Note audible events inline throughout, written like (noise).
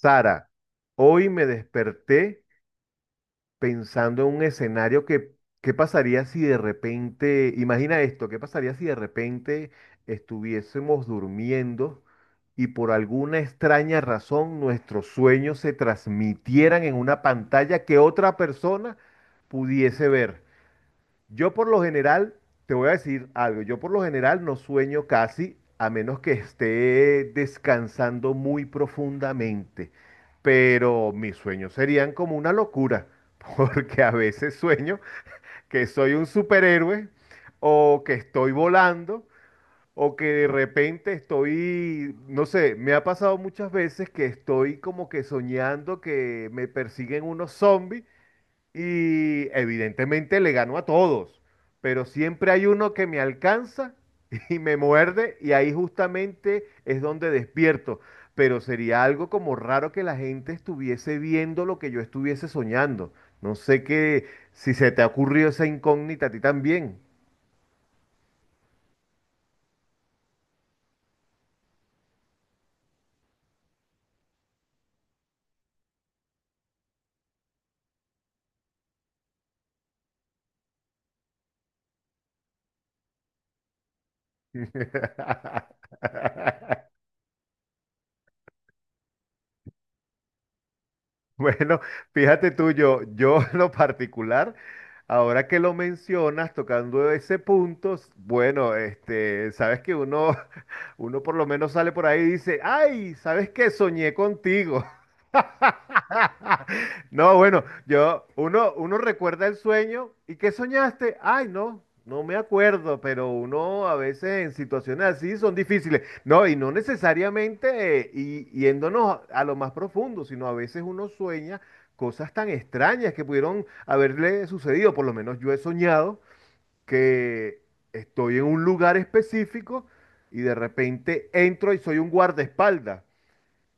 Sara, hoy me desperté pensando en un escenario ¿qué pasaría si de repente, imagina esto, qué pasaría si de repente estuviésemos durmiendo y por alguna extraña razón nuestros sueños se transmitieran en una pantalla que otra persona pudiese ver? Yo por lo general, te voy a decir algo, yo por lo general no sueño casi a menos que esté descansando muy profundamente, pero mis sueños serían como una locura, (laughs) porque a veces sueño que soy un superhéroe o que estoy volando o que de repente estoy, no sé, me ha pasado muchas veces que estoy como que soñando que me persiguen unos zombies y evidentemente le ganó a todos, pero siempre hay uno que me alcanza (laughs) y me muerde y ahí justamente es donde despierto. Pero sería algo como raro que la gente estuviese viendo lo que yo estuviese soñando. No sé qué, si se te ha ocurrido esa incógnita a ti también. (laughs) (laughs) Bueno, fíjate tú, yo (laughs) en lo particular, ahora que lo mencionas, tocando ese punto, bueno, sabes que uno, (laughs) uno por lo menos sale por ahí y dice, ay, ¿sabes qué? Soñé contigo. (laughs) No, bueno, yo, uno recuerda el sueño. ¿Y qué soñaste? Ay, no, no me acuerdo, pero uno a veces en situaciones así son difíciles. No, y no necesariamente y, yéndonos a lo más profundo, sino a veces uno sueña cosas tan extrañas que pudieron haberle sucedido. Por lo menos yo he soñado que estoy en un lugar específico y de repente entro y soy un guardaespaldas.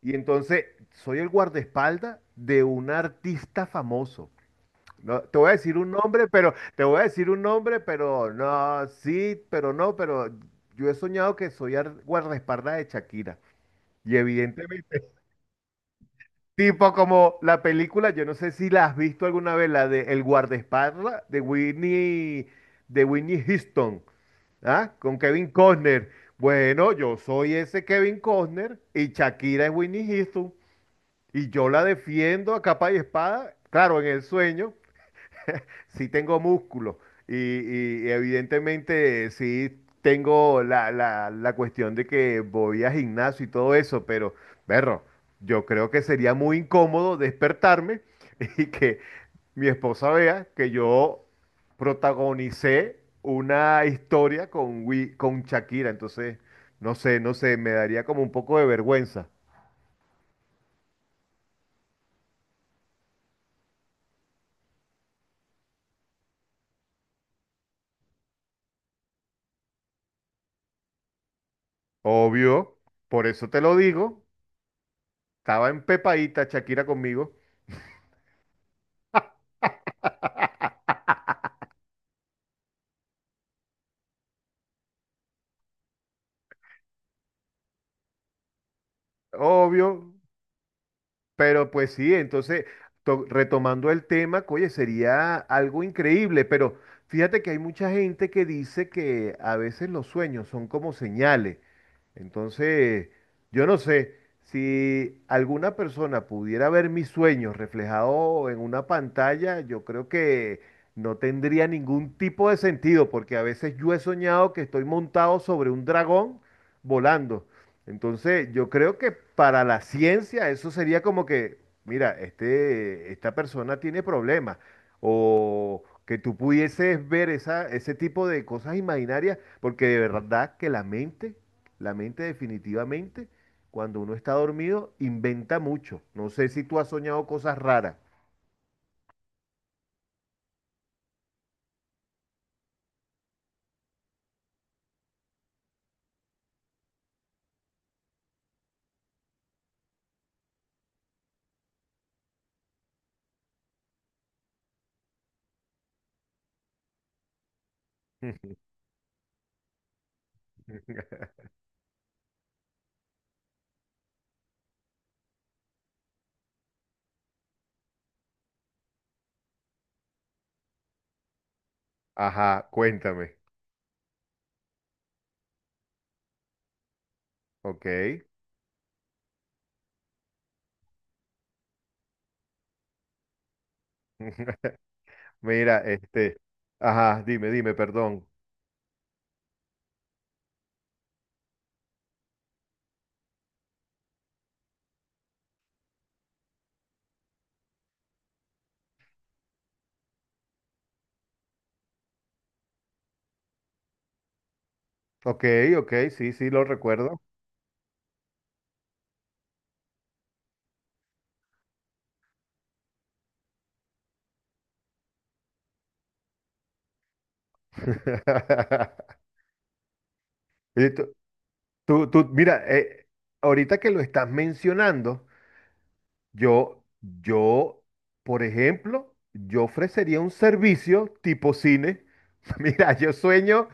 Y entonces soy el guardaespaldas de un artista famoso. No, te voy a decir un nombre, pero te voy a decir un nombre, pero no, sí, pero no, pero yo he soñado que soy guardaespaldas de Shakira. Y evidentemente, tipo como la película, yo no sé si la has visto alguna vez, la de El guardaespaldas de Winnie Houston, ¿ah? Con Kevin Costner. Bueno, yo soy ese Kevin Costner y Shakira es Winnie Houston. Y yo la defiendo a capa y espada. Claro, en el sueño sí tengo músculo y, y evidentemente sí tengo la cuestión de que voy a gimnasio y todo eso, pero, perro, yo creo que sería muy incómodo despertarme (laughs) y que mi esposa vea que yo protagonicé una historia con, con Shakira. Entonces, no sé, no sé, me daría como un poco de vergüenza. Obvio, por eso te lo digo. Estaba empepadita Shakira conmigo, obvio, pero pues sí, entonces, retomando el tema, oye, sería algo increíble, pero fíjate que hay mucha gente que dice que a veces los sueños son como señales. Entonces, yo no sé si alguna persona pudiera ver mis sueños reflejados en una pantalla, yo creo que no tendría ningún tipo de sentido, porque a veces yo he soñado que estoy montado sobre un dragón volando. Entonces, yo creo que para la ciencia eso sería como que, mira, esta persona tiene problemas, o que tú pudieses ver ese tipo de cosas imaginarias, porque de verdad que la mente definitivamente, cuando uno está dormido, inventa mucho. No sé si tú has soñado cosas raras. (laughs) Ajá, cuéntame. Ok. (laughs) Mira, este. Ajá, dime, dime, perdón. Ok, ok, sí, sí, lo recuerdo. (laughs) Y mira, ahorita que lo estás mencionando, yo, yo, por ejemplo, yo ofrecería un servicio tipo cine. (laughs) Mira, yo sueño.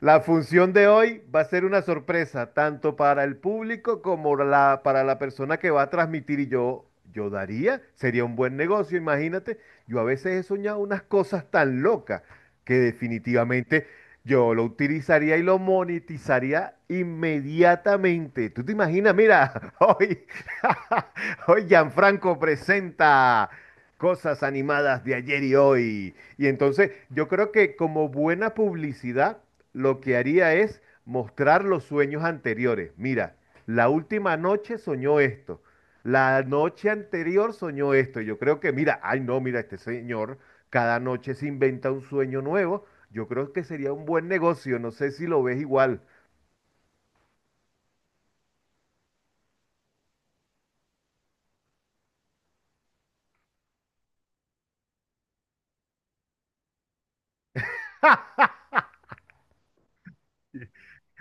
La función de hoy va a ser una sorpresa, tanto para el público como para la persona que va a transmitir. Y yo daría, sería un buen negocio, imagínate. Yo a veces he soñado unas cosas tan locas que definitivamente yo lo utilizaría y lo monetizaría inmediatamente. ¿Tú te imaginas? Mira, (laughs) hoy, (laughs) hoy Gianfranco presenta cosas animadas de ayer y hoy. Y entonces yo creo que como buena publicidad lo que haría es mostrar los sueños anteriores. Mira, la última noche soñó esto, la noche anterior soñó esto. Yo creo que, mira, ay no, mira, este señor cada noche se inventa un sueño nuevo. Yo creo que sería un buen negocio, no sé si lo ves igual.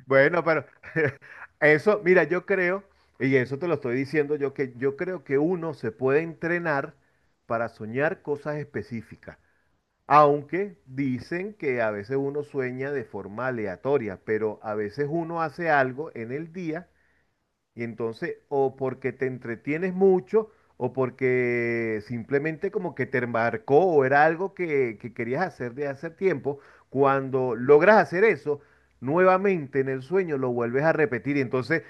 Bueno, pero (laughs) eso, mira, yo creo, y eso te lo estoy diciendo yo, que yo creo que uno se puede entrenar para soñar cosas específicas. Aunque dicen que a veces uno sueña de forma aleatoria, pero a veces uno hace algo en el día y entonces, o porque te entretienes mucho, o porque simplemente como que te marcó o era algo que querías hacer de hace tiempo, cuando logras hacer eso, nuevamente en el sueño lo vuelves a repetir. Y entonces,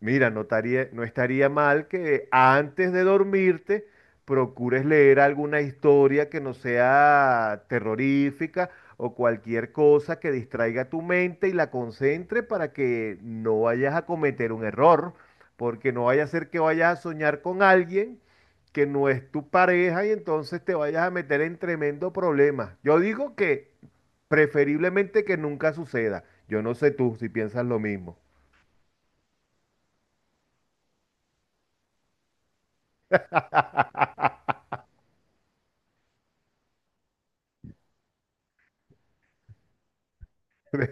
mira, no estaría mal que antes de dormirte procures leer alguna historia que no sea terrorífica o cualquier cosa que distraiga tu mente y la concentre para que no vayas a cometer un error. Porque no vaya a ser que vayas a soñar con alguien que no es tu pareja y entonces te vayas a meter en tremendo problema. Yo digo que preferiblemente que nunca suceda. Yo no sé tú si piensas lo mismo.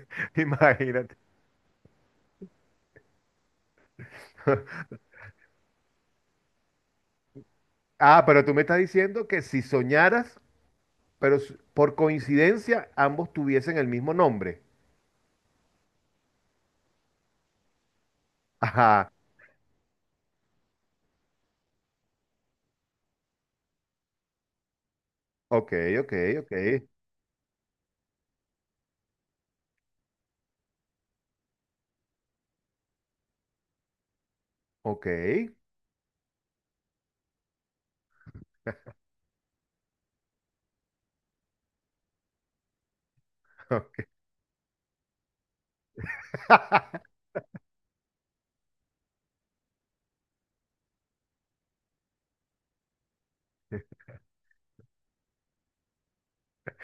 (laughs) Imagínate. Ah, pero tú me estás diciendo que si soñaras, pero por coincidencia ambos tuviesen el mismo nombre. Ajá. Ok, ok, ok. Ok. (laughs)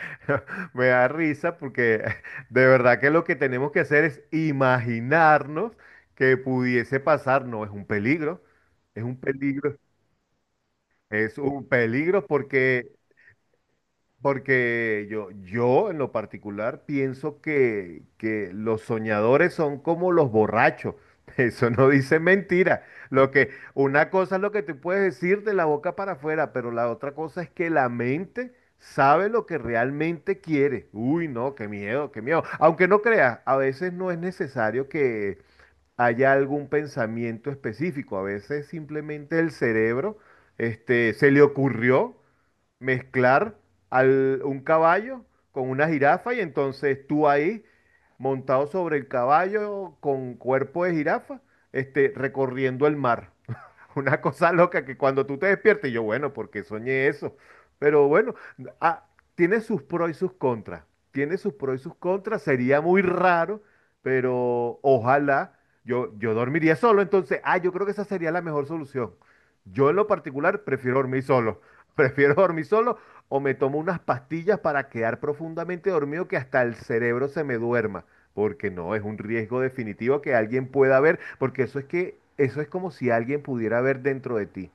(laughs) Me da risa porque (laughs) de verdad que lo que tenemos que hacer es imaginarnos que pudiese pasar. No, es un peligro, es un peligro, es un peligro porque yo en lo particular pienso que los soñadores son como los borrachos. (laughs) Eso no dice mentira. Lo que, una cosa es lo que tú puedes decir de la boca para afuera, pero la otra cosa es que la mente sabe lo que realmente quiere. Uy, no, qué miedo, qué miedo. Aunque no creas, a veces no es necesario que haya algún pensamiento específico. A veces simplemente el cerebro, se le ocurrió mezclar un caballo con una jirafa y entonces tú ahí montado sobre el caballo con cuerpo de jirafa, recorriendo el mar. (laughs) Una cosa loca que cuando tú te despiertes, yo, bueno, porque soñé eso. Pero bueno, ah, tiene sus pros y sus contras. Tiene sus pros y sus contras. Sería muy raro, pero ojalá yo dormiría solo. Entonces, ah, yo creo que esa sería la mejor solución. Yo en lo particular prefiero dormir solo. (laughs) Prefiero dormir solo o me tomo unas pastillas para quedar profundamente dormido que hasta el cerebro se me duerma. Porque no, es un riesgo definitivo que alguien pueda ver, porque eso es que, eso es como si alguien pudiera ver dentro de ti.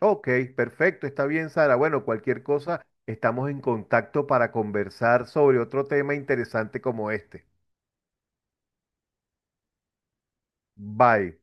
Ok, perfecto, está bien, Sara. Bueno, cualquier cosa, estamos en contacto para conversar sobre otro tema interesante como este. Bye.